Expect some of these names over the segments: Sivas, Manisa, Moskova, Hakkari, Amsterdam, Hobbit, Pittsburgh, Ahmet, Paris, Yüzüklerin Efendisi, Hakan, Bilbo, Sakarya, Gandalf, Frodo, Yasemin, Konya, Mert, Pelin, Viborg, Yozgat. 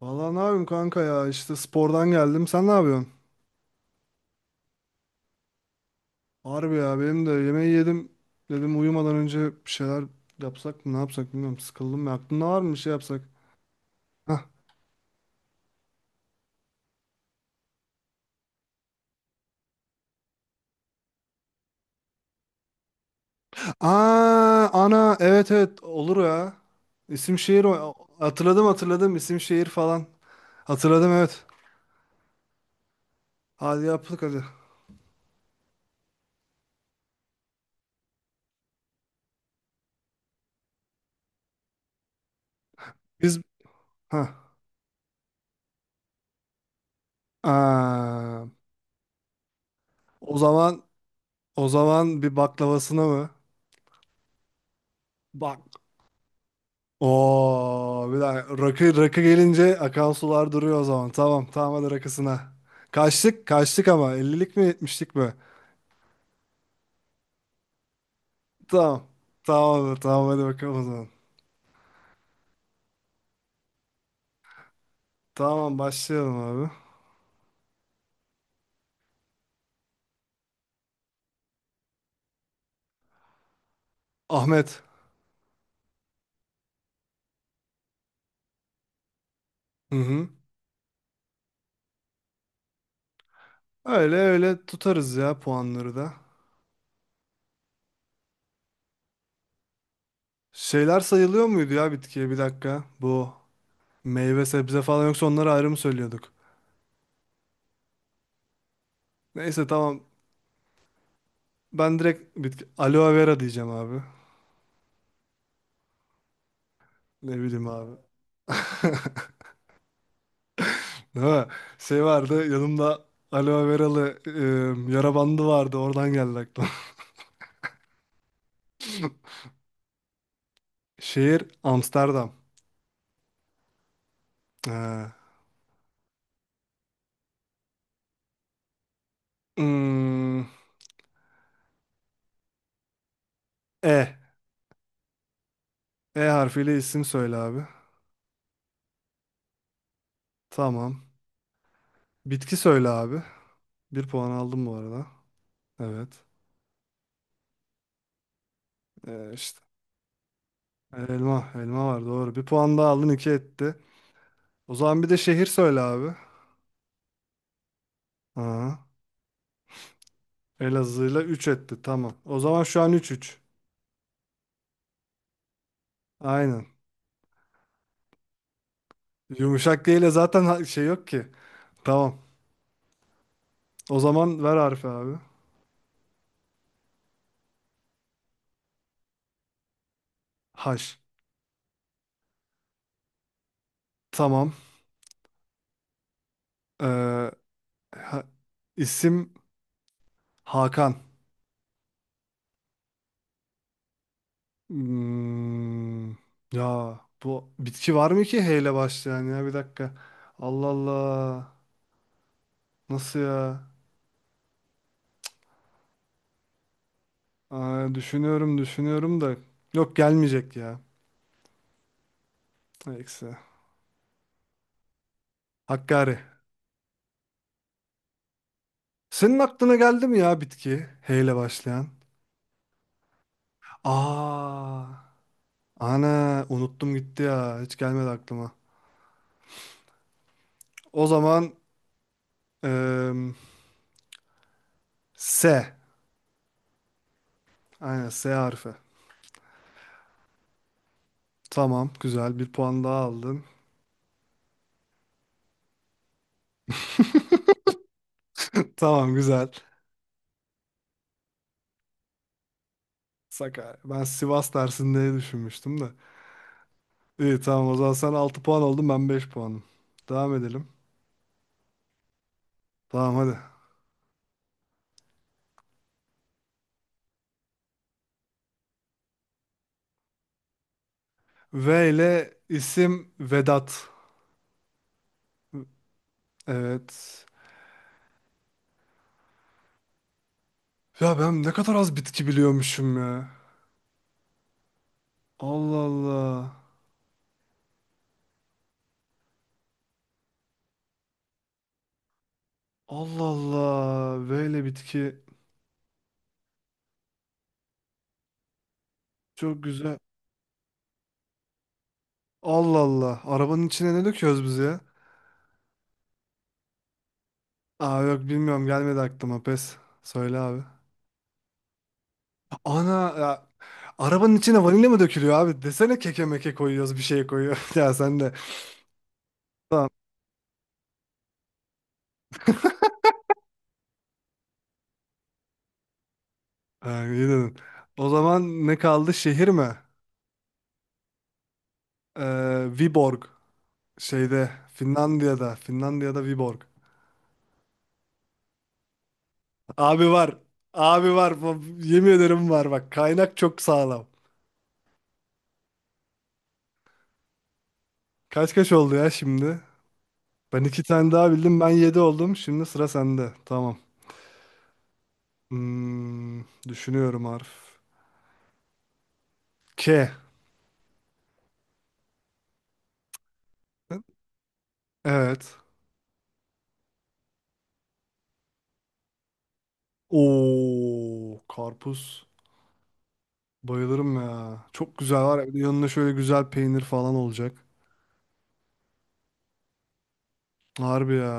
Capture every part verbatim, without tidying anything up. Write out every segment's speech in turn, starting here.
Valla ne yapayım kanka ya işte spordan geldim. Sen ne yapıyorsun? Harbi ya benim de yemeği yedim. Dedim uyumadan önce bir şeyler yapsak mı ne yapsak bilmiyorum. Sıkıldım ya. Aklında var mı bir şey yapsak? Hah. Aa, ana evet evet olur ya. İsim şehir o- hatırladım hatırladım isim şehir falan. Hatırladım evet. Hadi yaptık hadi. Biz ha. Aa, o zaman o zaman bir baklavasına mı? Bak. Oo, bir dakika. Rakı, rakı gelince akan sular duruyor o zaman. Tamam tamam hadi rakısına. Kaçtık kaçtık ama ellilik mi yetmişlik mi? Tamam. Tamam tamam hadi bakalım o zaman. Tamam başlayalım abi. Ahmet. Hı hı. Öyle öyle tutarız ya puanları da. Şeyler sayılıyor muydu ya bitkiye bir dakika. Bu meyve sebze falan yoksa onları ayrı mı söylüyorduk? Neyse tamam. Ben direkt bitki aloe vera diyeceğim abi. Ne bileyim abi. Ha, şey vardı yanımda aloe veralı e, yara bandı vardı oradan geldi aklıma. Şehir Amsterdam. Ha. Hmm, E. E harfiyle isim söyle abi. Tamam. Bitki söyle abi. Bir puan aldım bu arada. Evet. E, işte elma. Elma var doğru. Bir puan daha aldın iki etti. O zaman bir de şehir söyle abi. Aha. Elazığ'la üç etti tamam. O zaman şu an üç üç. Aynen. Yumuşak değil de zaten ha- şey yok ki. Tamam. O zaman ver harfi abi. Haş. Tamam. Ee, ha- isim Hakan. Hmm, ya bu bitki var mı ki H ile başlayan ya bir dakika. Allah Allah. Nasıl ya? Aa, düşünüyorum düşünüyorum da. Yok gelmeyecek ya. Eksi. Hakkari. Senin aklına geldi mi ya bitki? H ile başlayan. Aa, ana unuttum gitti ya. Hiç gelmedi aklıma. O zaman eee S. Aynen S harfi. Tamam güzel bir puan daha aldın. Tamam güzel. Sakarya. Ben Sivas dersinde diye düşünmüştüm de. İyi tamam o zaman sen altı puan oldun ben beş puanım. Devam edelim. Tamam hadi. V ile isim Vedat. Evet. Ya ben ne kadar az bitki biliyormuşum ya. Allah Allah. Allah Allah. V ile bitki. Çok güzel. Allah Allah. Arabanın içine ne döküyoruz biz ya? Aa yok bilmiyorum gelmedi aklıma pes. Söyle abi. Ana ya, arabanın içine vanilya mı dökülüyor abi? Desene keke meke koyuyoruz bir şey koyuyor. ya sen de. Tamam. Ha, iyi dedin. O zaman ne kaldı? Şehir mi? Ee, Viborg. Şeyde Finlandiya'da. Finlandiya'da Viborg. Abi var. Abi var. Bu- Yemin ederim var. Bak kaynak çok sağlam. Kaç kaç oldu ya şimdi? Ben iki tane daha bildim. Ben yedi oldum. Şimdi sıra sende. Tamam. Hmm, düşünüyorum harf. K. Evet. Oo, karpuz. Bayılırım ya. Çok güzel var ya. Bir de yanına şöyle güzel peynir falan olacak. Harbi ya.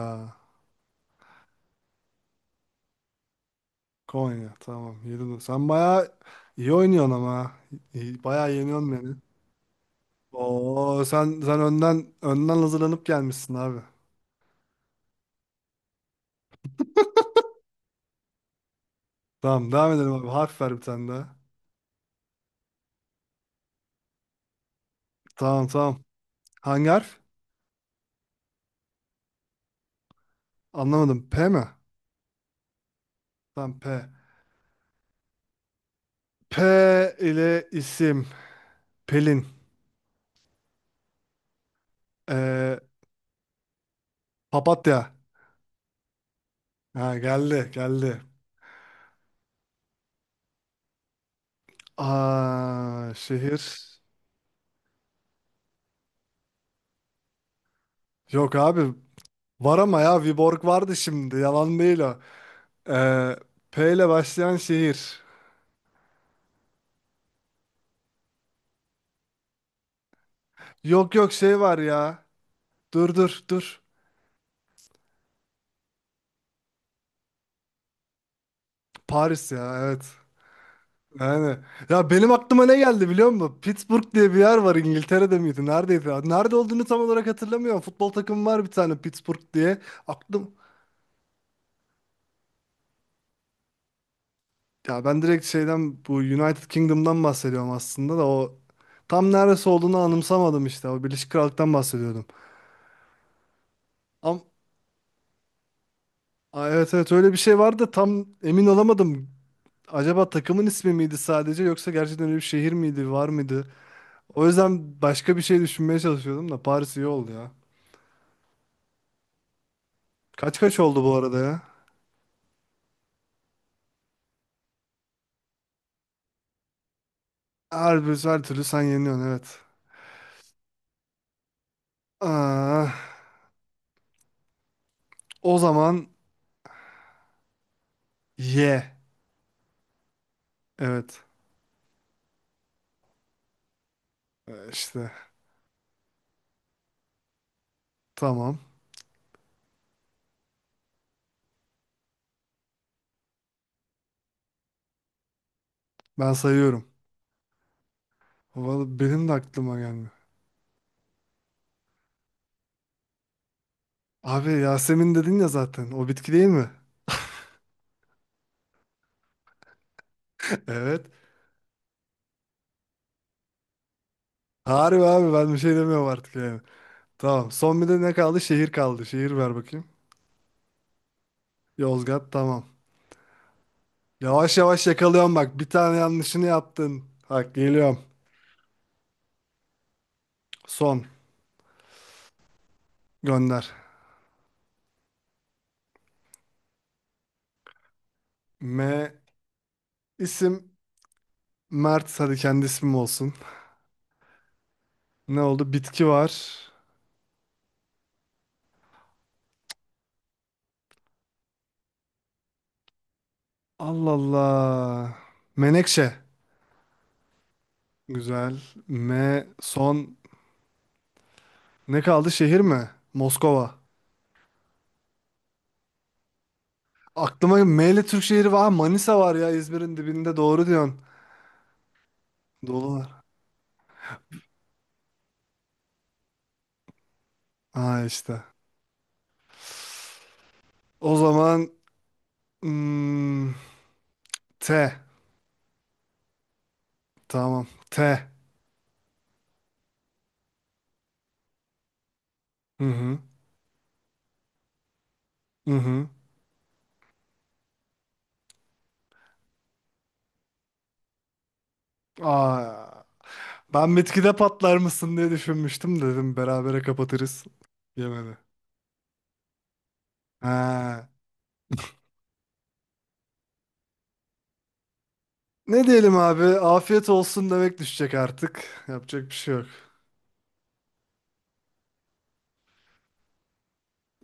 Konya. Tamam. Yedin. Sen bayağı iyi oynuyorsun ama. İyi- Bayağı yeniyorsun beni. Oo, sen sen önden önden hazırlanıp gelmişsin abi. Tamam, devam edelim abi. Harf ver bir tane daha. Tamam, tamam. Hangi harf? Anlamadım. P mi? Tamam, P. P ile isim. Pelin. Ee, papatya. Ha, geldi, geldi. Aa, şehir. Yok abi. Var ama ya Viborg vardı şimdi. Yalan değil o. Ee, P ile başlayan şehir. Yok yok şey var ya. Dur dur dur. Paris ya evet. Yani ya benim aklıma ne geldi biliyor musun? Pittsburgh diye bir yer var İngiltere'de miydi? Neredeydi? Nerede olduğunu tam olarak hatırlamıyorum. Futbol takımı var bir tane Pittsburgh diye. Aklım Ya ben direkt şeyden bu United Kingdom'dan bahsediyorum aslında da o tam neresi olduğunu anımsamadım işte. O Birleşik Krallık'tan bahsediyordum. Ama evet evet öyle bir şey vardı da tam emin olamadım. Acaba takımın ismi miydi sadece yoksa gerçekten öyle bir şehir miydi var mıydı? O yüzden başka bir şey düşünmeye çalışıyordum da Paris iyi oldu ya. Kaç kaç oldu bu arada ya? Her, bir- her türlü sen yeniyorsun evet. Aa o zaman ye. Evet. Ee, işte tamam ben sayıyorum. Vallahi benim de aklıma gelmiyor. Abi Yasemin dedin ya zaten. O bitki değil mi? Evet. Harbi abi ben bir şey demiyorum artık yani. Tamam. Son bir de ne kaldı? Şehir kaldı. Şehir ver bakayım. Yozgat tamam. Yavaş yavaş yakalıyorum bak. Bir tane yanlışını yaptın. Bak geliyorum. Son. Gönder. M. isim Mert. Hadi kendi ismim olsun. Ne oldu? Bitki var. Allah Allah. Menekşe. Güzel. M. Son. Ne kaldı? Şehir mi? Moskova. Aklıma Meyli Türk şehri var. Manisa var ya İzmir'in dibinde doğru diyorsun. Dolu var. Ha işte. O zaman hmm, T. Tamam. T. Hı hı. Hı hı. Aa, ben bitkide patlar mısın diye düşünmüştüm dedim. Berabere kapatırız. Yemedi. Ha. Ne diyelim abi? Afiyet olsun demek düşecek artık. Yapacak bir şey yok.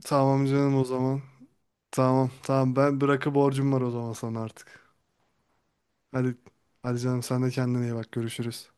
Tamam canım o zaman. Tamam tamam ben bırakı borcum var o zaman sana artık. Hadi, hadi canım sen de kendine iyi bak. Görüşürüz.